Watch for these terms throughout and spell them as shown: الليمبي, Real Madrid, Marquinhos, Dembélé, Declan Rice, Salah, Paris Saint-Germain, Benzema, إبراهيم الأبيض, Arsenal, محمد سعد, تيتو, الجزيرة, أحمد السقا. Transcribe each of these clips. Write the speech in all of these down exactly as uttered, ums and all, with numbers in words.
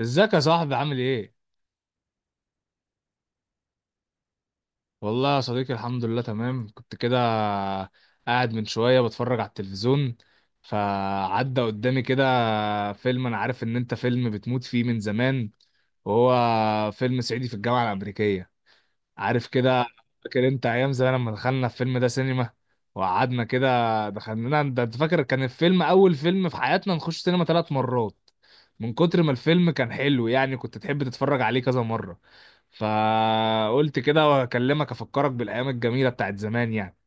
ازيك يا صاحبي؟ عامل ايه؟ والله يا صديقي الحمد لله تمام. كنت كده قاعد من شوية بتفرج على التلفزيون، فعدى قدامي كده فيلم انا عارف ان انت فيلم بتموت فيه من زمان، وهو فيلم صعيدي في الجامعة الأمريكية، عارف كده. فاكر انت ايام زمان لما دخلنا الفيلم ده سينما وقعدنا كده؟ دخلنا، ده انت فاكر كان الفيلم اول فيلم في حياتنا نخش سينما ثلاث مرات من كتر ما الفيلم كان حلو، يعني كنت تحب تتفرج عليه كذا مرة. فقلت كده واكلمك افكرك بالايام الجميلة بتاعت زمان يعني.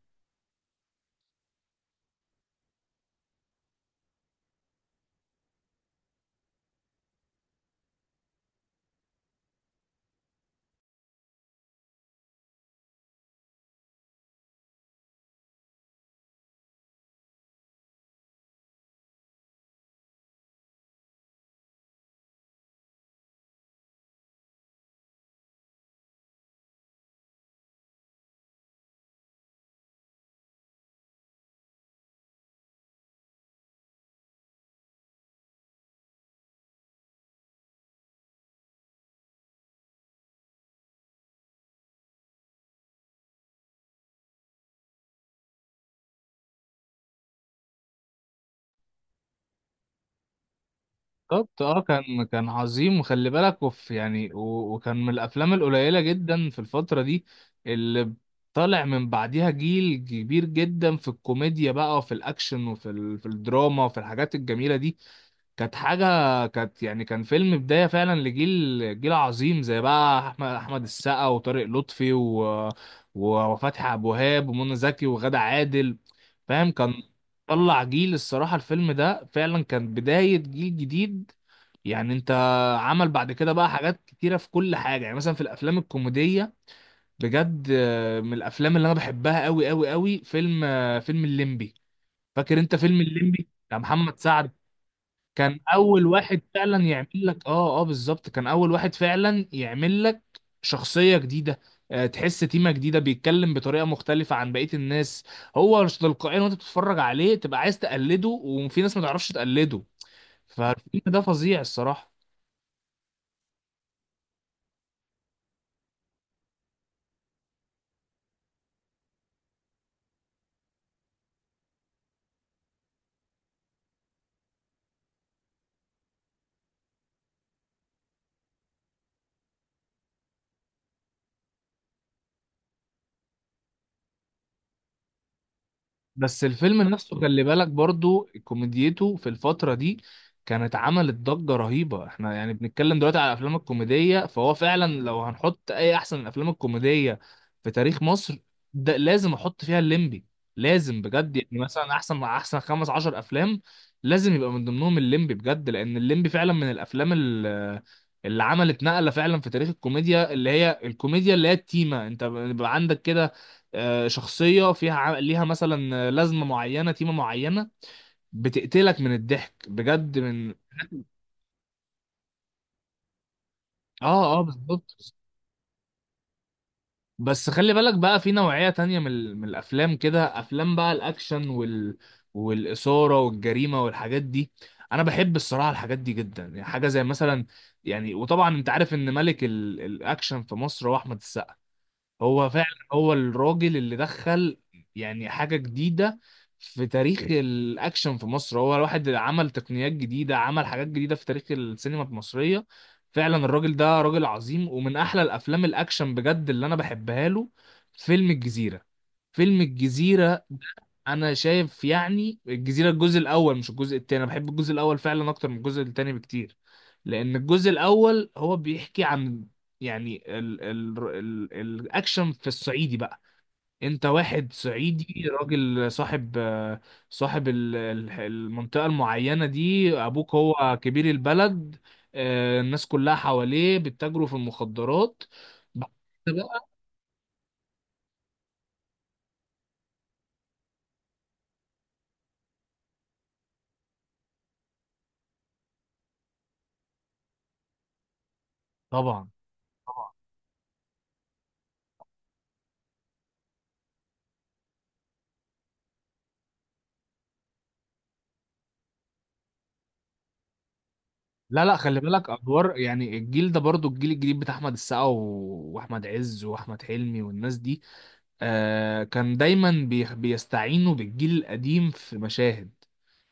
بالظبط، اه كان كان عظيم. وخلي بالك، وف يعني و- وكان من الافلام القليله جدا في الفتره دي اللي طالع من بعديها جيل كبير جدا في الكوميديا بقى، وفي الاكشن، وفي ال... في الدراما، وفي الحاجات الجميله دي. كانت حاجه، كانت يعني كان فيلم بدايه فعلا لجيل، جيل عظيم زي بقى احمد احمد السقا وطارق لطفي و... و- وفتحي عبد الوهاب ومنى زكي وغادة عادل، فاهم. كان طلع جيل. الصراحة الفيلم ده فعلا كان بداية جيل جديد. يعني انت عمل بعد كده بقى حاجات كتيرة في كل حاجة. يعني مثلا في الافلام الكوميدية، بجد آه، من الافلام اللي انا بحبها قوي قوي قوي فيلم، آه، فيلم الليمبي. فاكر انت فيلم الليمبي بتاع محمد سعد؟ كان اول واحد فعلا يعمل لك اه اه بالظبط، كان اول واحد فعلا يعمل لك شخصية جديدة. آه، تحس تيمة جديدة، بيتكلم بطريقة مختلفة عن بقية الناس. هو مش تلقائيا وانت بتتفرج عليه تبقى عايز تقلده، وفي ناس ما تعرفش تقلده. فالفيلم ده فظيع الصراحة. بس الفيلم نفسه، خلي بالك، برضو كوميديته في الفترة دي كانت عملت ضجة رهيبة. احنا يعني بنتكلم دلوقتي على الافلام الكوميدية، فهو فعلا لو هنحط اي احسن الافلام الكوميدية في تاريخ مصر، ده لازم احط فيها الليمبي. لازم بجد. يعني مثلا احسن احسن خمس عشر افلام لازم يبقى من ضمنهم الليمبي بجد، لان الليمبي فعلا من الافلام ال- اللي عملت نقلة فعلا في تاريخ الكوميديا، اللي هي الكوميديا اللي هي التيمة. انت بيبقى عندك كده آه، شخصية فيها ع- ليها مثلا لازمة معينة، تيمة معينة، بتقتلك من الضحك بجد من اه اه بالظبط. بس خلي بالك بقى في نوعية تانية من, ال- من الأفلام كده، أفلام بقى الأكشن وال... والإثارة والجريمة والحاجات دي. أنا بحب الصراحة الحاجات دي جدا، يعني حاجة زي مثلا، يعني وطبعا أنت عارف إن ملك ال... الأكشن في مصر هو أحمد السقا. هو فعلا هو الراجل اللي دخل يعني حاجة جديدة في تاريخ الأكشن في مصر. هو الواحد اللي عمل تقنيات جديدة، عمل حاجات جديدة في تاريخ السينما المصرية. فعلا الراجل ده راجل عظيم. ومن أحلى الأفلام الأكشن بجد اللي أنا بحبها له فيلم الجزيرة. فيلم الجزيرة، انا شايف يعني الجزيره الجزء الاول مش الجزء التاني. انا بحب الجزء الاول فعلا اكتر من الجزء التاني بكتير، لان الجزء الاول هو بيحكي عن يعني ال ال ال الاكشن في الصعيدي بقى. انت واحد صعيدي، راجل صاحب، آه، صاحب ال- ال- المنطقه المعينه دي، ابوك هو كبير البلد، آه، الناس كلها حواليه بيتاجروا في المخدرات بقى طبعا. لا لا خلي بالك، ادوار يعني الجيل ده برضو، الجيل الجديد بتاع احمد السقا و- واحمد عز واحمد حلمي والناس دي، آه كان دايما بي- بيستعينوا بالجيل القديم في مشاهد.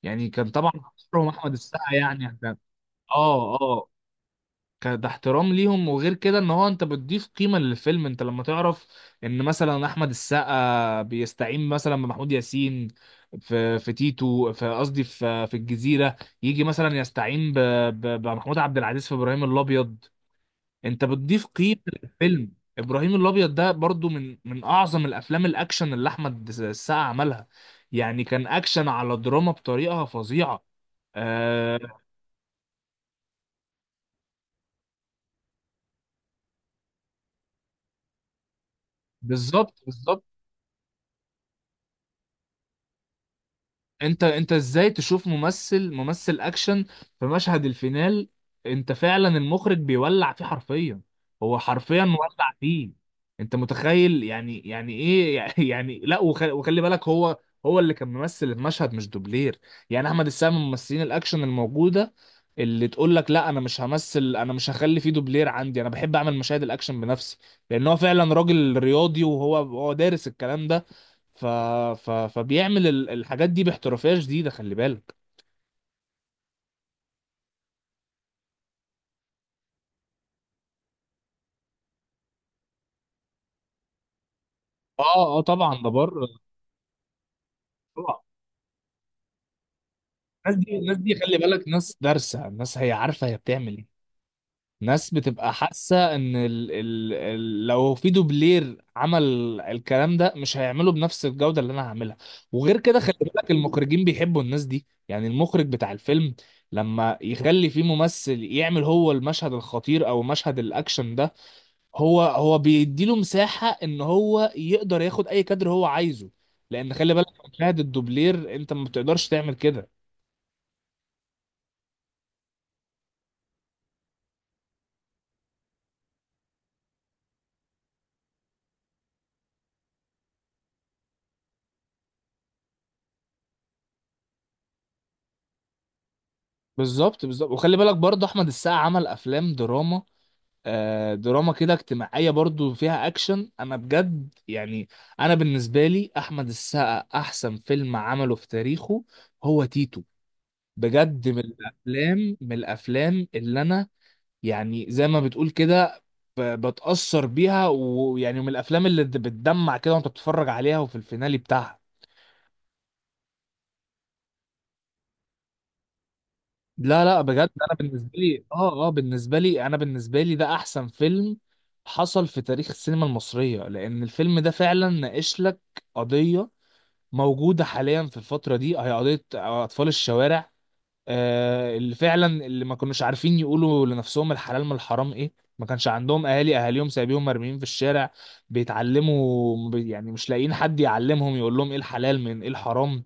يعني كان طبعا عمرهم احمد السقا يعني كان، اه اه كان ده احترام ليهم. وغير كده ان هو انت بتضيف قيمة للفيلم. انت لما تعرف ان مثلا احمد السقا بيستعين مثلا بمحمود ياسين في في تيتو، في قصدي في في الجزيرة، يجي مثلا يستعين ب- ب- بمحمود عبد العزيز في ابراهيم الابيض، انت بتضيف قيمة للفيلم. ابراهيم الابيض ده برضو من من اعظم الافلام الاكشن اللي احمد السقا عملها. يعني كان اكشن على دراما بطريقة فظيعة آه. بالظبط بالظبط. انت انت ازاي تشوف ممثل ممثل اكشن في مشهد الفينال انت فعلا المخرج بيولع فيه حرفيا؟ هو حرفيا مولع فيه. انت متخيل يعني يعني ايه يعني لا، وخلي, وخلي بالك، هو هو اللي كان ممثل المشهد، مش دوبلير. يعني احمد السقا من ممثلين الاكشن الموجوده اللي تقول لك لا، انا مش همثل، انا مش هخلي فيه دوبلير عندي، انا بحب اعمل مشاهد الاكشن بنفسي. لان هو فعلا راجل رياضي، وهو هو دارس الكلام ده، ف... ف... فبيعمل ال- الحاجات دي باحترافيه شديده خلي بالك. اه اه طبعا ده بره طبعا. الناس دي، الناس دي خلي بالك، ناس دارسه، الناس هي عارفه هي بتعمل ايه. ناس بتبقى حاسه ان ال... ال... ال... لو في دوبلير عمل الكلام ده مش هيعمله بنفس الجوده اللي انا هعملها. وغير كده خلي بالك المخرجين بيحبوا الناس دي. يعني المخرج بتاع الفيلم لما يخلي فيه ممثل يعمل هو المشهد الخطير او مشهد الاكشن ده، هو هو بيديله مساحة ان هو يقدر ياخد اي كادر هو عايزه. لان خلي بالك مشاهد الدوبلير انت ما بتقدرش تعمل كده. بالظبط بالظبط. وخلي بالك برضه احمد السقا عمل افلام دراما، آه دراما كده اجتماعية برضه فيها اكشن. انا بجد، يعني انا بالنسبة لي احمد السقا احسن فيلم عمله في تاريخه هو تيتو. بجد من الافلام من الافلام اللي انا يعني زي ما بتقول كده ب- بتأثر بيها. ويعني من الافلام اللي د- بتدمع كده وانت بتتفرج عليها وفي الفينالي بتاعها. لا لا بجد انا بالنسبه لي اه اه بالنسبه لي انا بالنسبه لي ده احسن فيلم حصل في تاريخ السينما المصريه، لان الفيلم ده فعلا ناقش لك قضيه موجوده حاليا في الفتره دي، هي قضيه اطفال الشوارع. آه، اللي فعلا اللي ما كانوش عارفين يقولوا لنفسهم الحلال من الحرام ايه، ما كانش عندهم اهالي، اهاليهم سايبيهم مرميين في الشارع، بيتعلموا بي- يعني مش لاقيين حد يعلمهم يقول لهم ايه الحلال من ايه الحرام.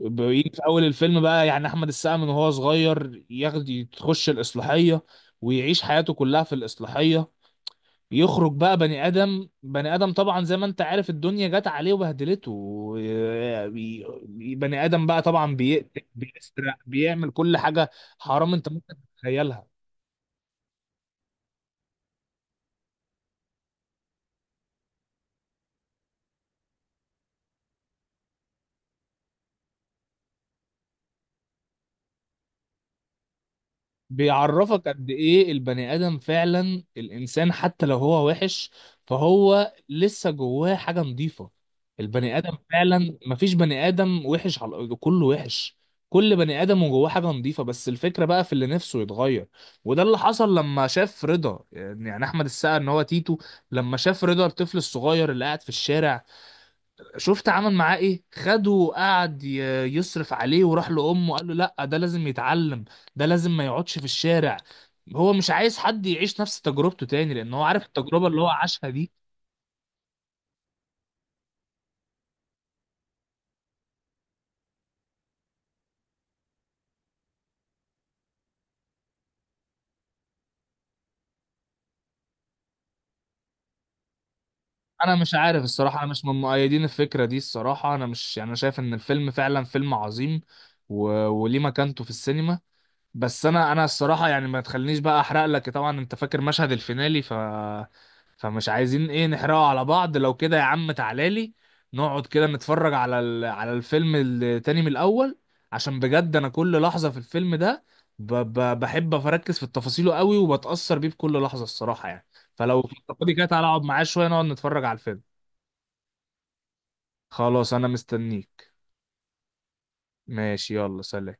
بيجي في اول الفيلم بقى يعني احمد السقا من وهو صغير ياخد يخش الاصلاحيه، ويعيش حياته كلها في الاصلاحيه. يخرج بقى بني ادم، بني ادم طبعا زي ما انت عارف الدنيا جت عليه وبهدلته. بي- بني ادم بقى طبعا بيقتل، بيسرق، بيعمل كل حاجه حرام انت ممكن تتخيلها. بيعرفك قد ايه البني ادم فعلا، الانسان حتى لو هو وحش فهو لسه جواه حاجه نظيفه. البني ادم فعلا مفيش بني ادم وحش على الارض كله وحش. كل بني ادم وجواه حاجه نظيفه، بس الفكره بقى في اللي نفسه يتغير. وده اللي حصل لما شاف رضا. يعني احمد السقا ان هو تيتو لما شاف رضا الطفل الصغير اللي قاعد في الشارع، شفت عمل معاه ايه؟ خده وقعد ي- يصرف عليه، وراح لامه قال له لا ده لازم يتعلم، ده لازم ما يقعدش في الشارع. هو مش عايز حد يعيش نفس تجربته تاني، لان هو عارف التجربة اللي هو عاشها دي. انا مش عارف الصراحة، انا مش من مؤيدين الفكرة دي الصراحة. انا مش يعني، انا شايف ان الفيلم فعلا فيلم عظيم، و... وليه مكانته في السينما. بس انا انا الصراحه يعني ما تخلينيش بقى احرق لك. طبعا انت فاكر مشهد الفينالي، ف فمش عايزين ايه نحرقه على بعض. لو كده يا عم تعالى لي نقعد كده نتفرج على ال... على الفيلم التاني من الاول، عشان بجد انا كل لحظه في الفيلم ده ب... ب... بحب اركز في تفاصيله قوي، وبتاثر بيه بكل لحظه الصراحه يعني. فلو انت فاضي كده تعالى اقعد معاه شويه نقعد نتفرج على الفيلم. خلاص انا مستنيك. ماشي يلا سلام.